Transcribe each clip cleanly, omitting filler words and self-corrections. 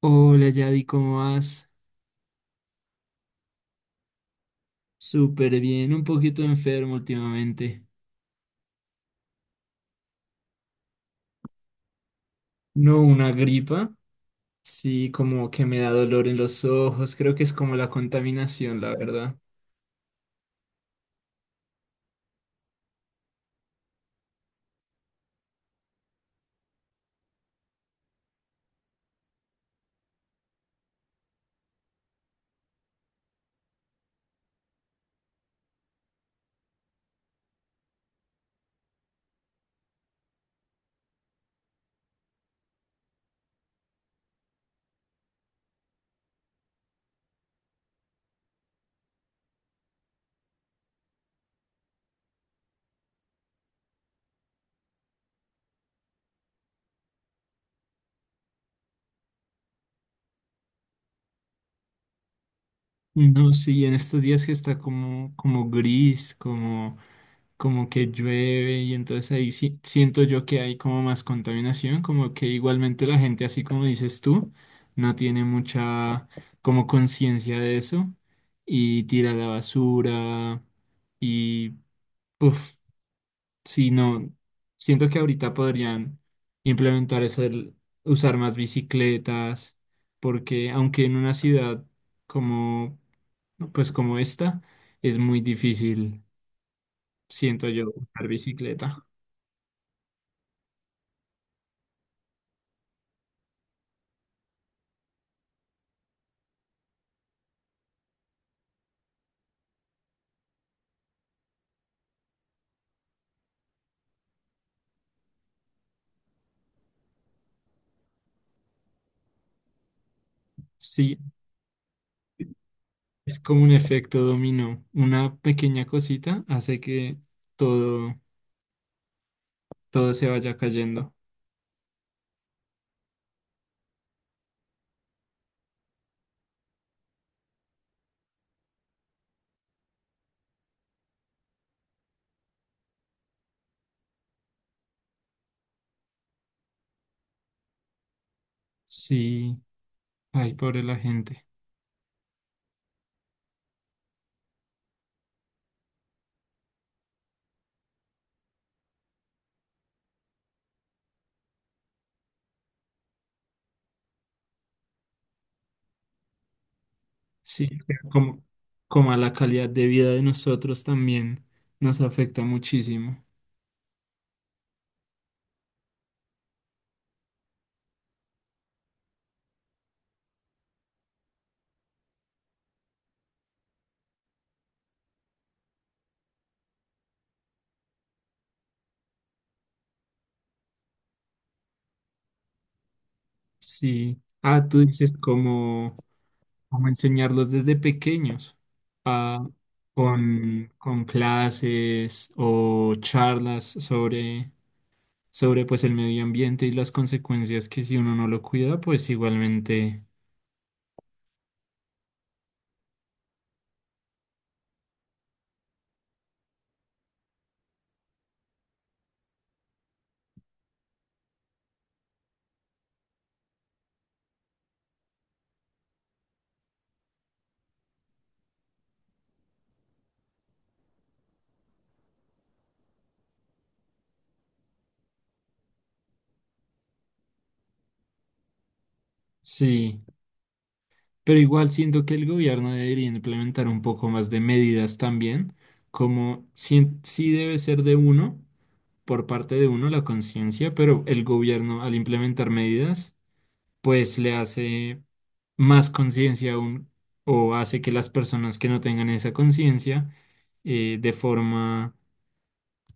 Hola Yadi, ¿cómo vas? Súper bien, un poquito enfermo últimamente. No, una gripa, sí, como que me da dolor en los ojos, creo que es como la contaminación, la verdad. No, sí, en estos días que está como, como gris, como, como que llueve y entonces ahí sí, siento yo que hay como más contaminación, como que igualmente la gente, así como dices tú, no tiene mucha como conciencia de eso y tira la basura y... Uf. Sí, no, siento que ahorita podrían implementar eso, el usar más bicicletas, porque aunque en una ciudad como, pues como esta, es muy difícil, siento yo, usar bicicleta. Sí, es como un efecto dominó. Una pequeña cosita hace que todo, todo se vaya cayendo. Sí, ay, pobre la gente. Sí, como, como a la calidad de vida de nosotros también nos afecta muchísimo. Sí. Ah, tú dices como, como enseñarlos desde pequeños, ah, con clases o charlas sobre, sobre pues el medio ambiente y las consecuencias que si uno no lo cuida, pues igualmente sí. Pero igual siento que el gobierno debería implementar un poco más de medidas también, como sí, sí debe ser de uno, por parte de uno la conciencia, pero el gobierno al implementar medidas, pues le hace más conciencia aún o hace que las personas que no tengan esa conciencia de forma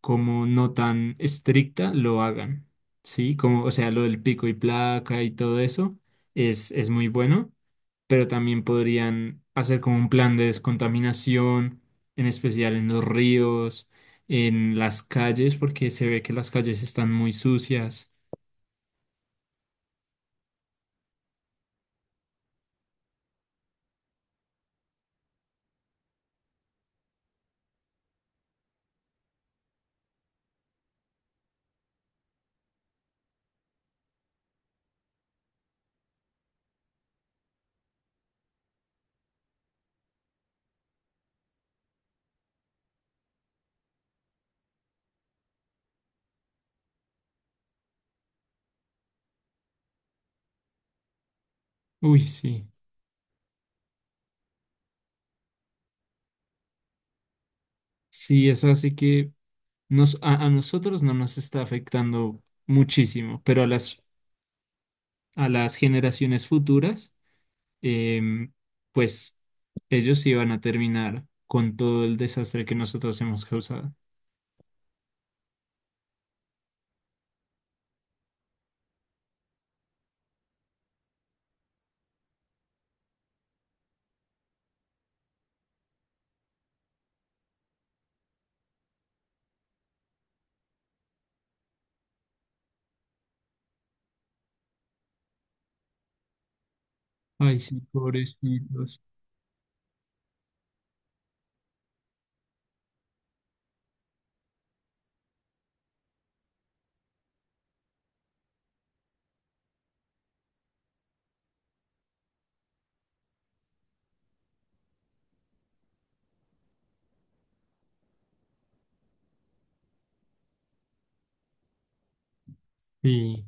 como no tan estricta lo hagan, ¿sí? Como, o sea, lo del pico y placa y todo eso es muy bueno, pero también podrían hacer como un plan de descontaminación, en especial en los ríos, en las calles, porque se ve que las calles están muy sucias. Uy, sí. Sí, eso hace que nos, a nosotros no nos está afectando muchísimo, pero a las generaciones futuras em, pues ellos iban a terminar con todo el desastre que nosotros hemos causado. Ay, sí, pobrecitos. Sí.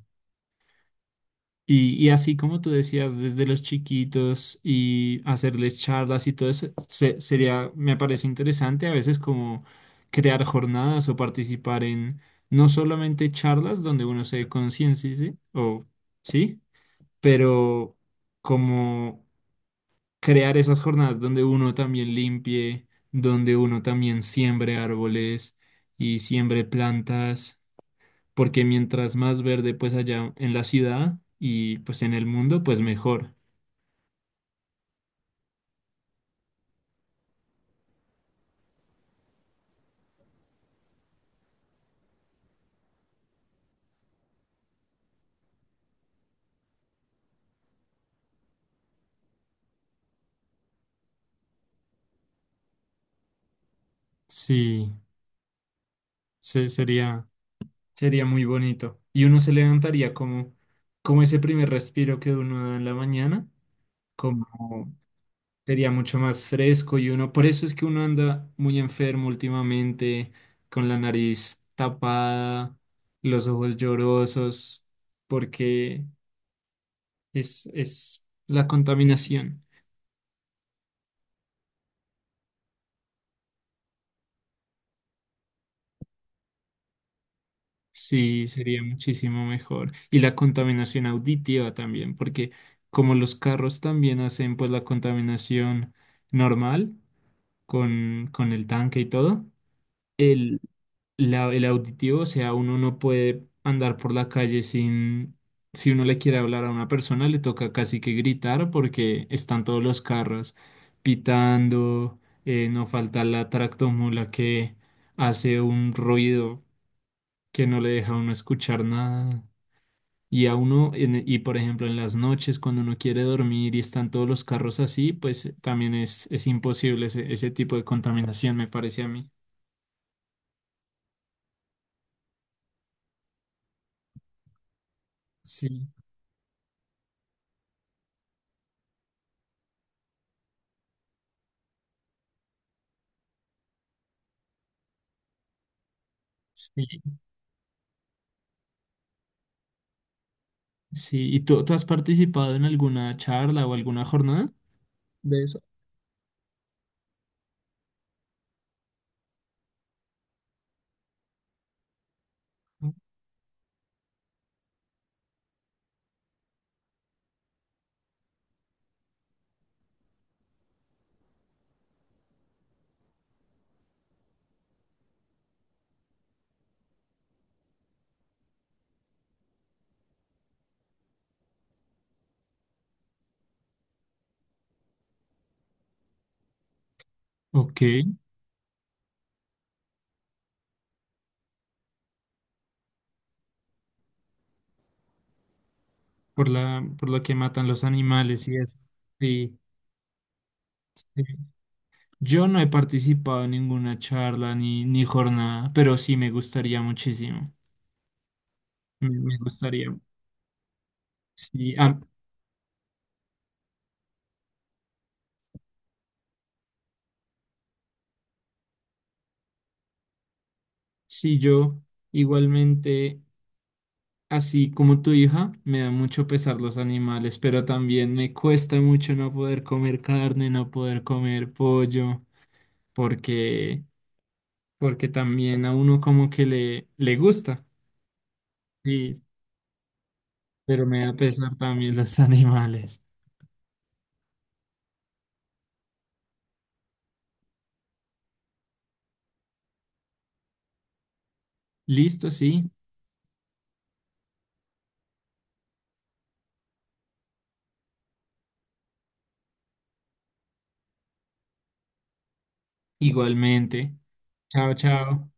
Y así como tú decías, desde los chiquitos y hacerles charlas y todo eso, se- sería, me parece interesante a veces como crear jornadas o participar en no solamente charlas donde uno se conciencia, ¿sí? O sí, pero como crear esas jornadas donde uno también limpie, donde uno también siembre árboles y siembre plantas, porque mientras más verde pues allá en la ciudad y pues en el mundo, pues mejor. Sí, se- sería, sería muy bonito. Y uno se levantaría como, como ese primer respiro que uno da en la mañana, como sería mucho más fresco y uno, por eso es que uno anda muy enfermo últimamente, con la nariz tapada, los ojos llorosos, porque es la contaminación. Sí, sería muchísimo mejor. Y la contaminación auditiva también, porque como los carros también hacen pues la contaminación normal con el tanque y todo. La- el auditivo, o sea, uno no puede andar por la calle sin, si uno le quiere hablar a una persona, le toca casi que gritar porque están todos los carros pitando, no falta la tractomula que hace un ruido que no le deja a uno escuchar nada. Y a uno, en- y por ejemplo, en las noches, cuando uno quiere dormir y están todos los carros así, pues también es imposible ese tipo de contaminación, me parece a mí. Sí, sí. Sí, ¿y tú has participado en alguna charla o alguna jornada de eso? Ok, por la, por lo que matan los animales y eso. Sí, sí. Yo no he participado en ninguna charla ni jornada, pero sí me gustaría muchísimo. Me gustaría. Sí, ah, sí, yo igualmente, así como tu hija, me da mucho pesar los animales, pero también me cuesta mucho no poder comer carne, no poder comer pollo, porque porque también a uno como que le gusta. Sí, pero me da pesar también los animales. Listo, sí, igualmente. Chao, chao.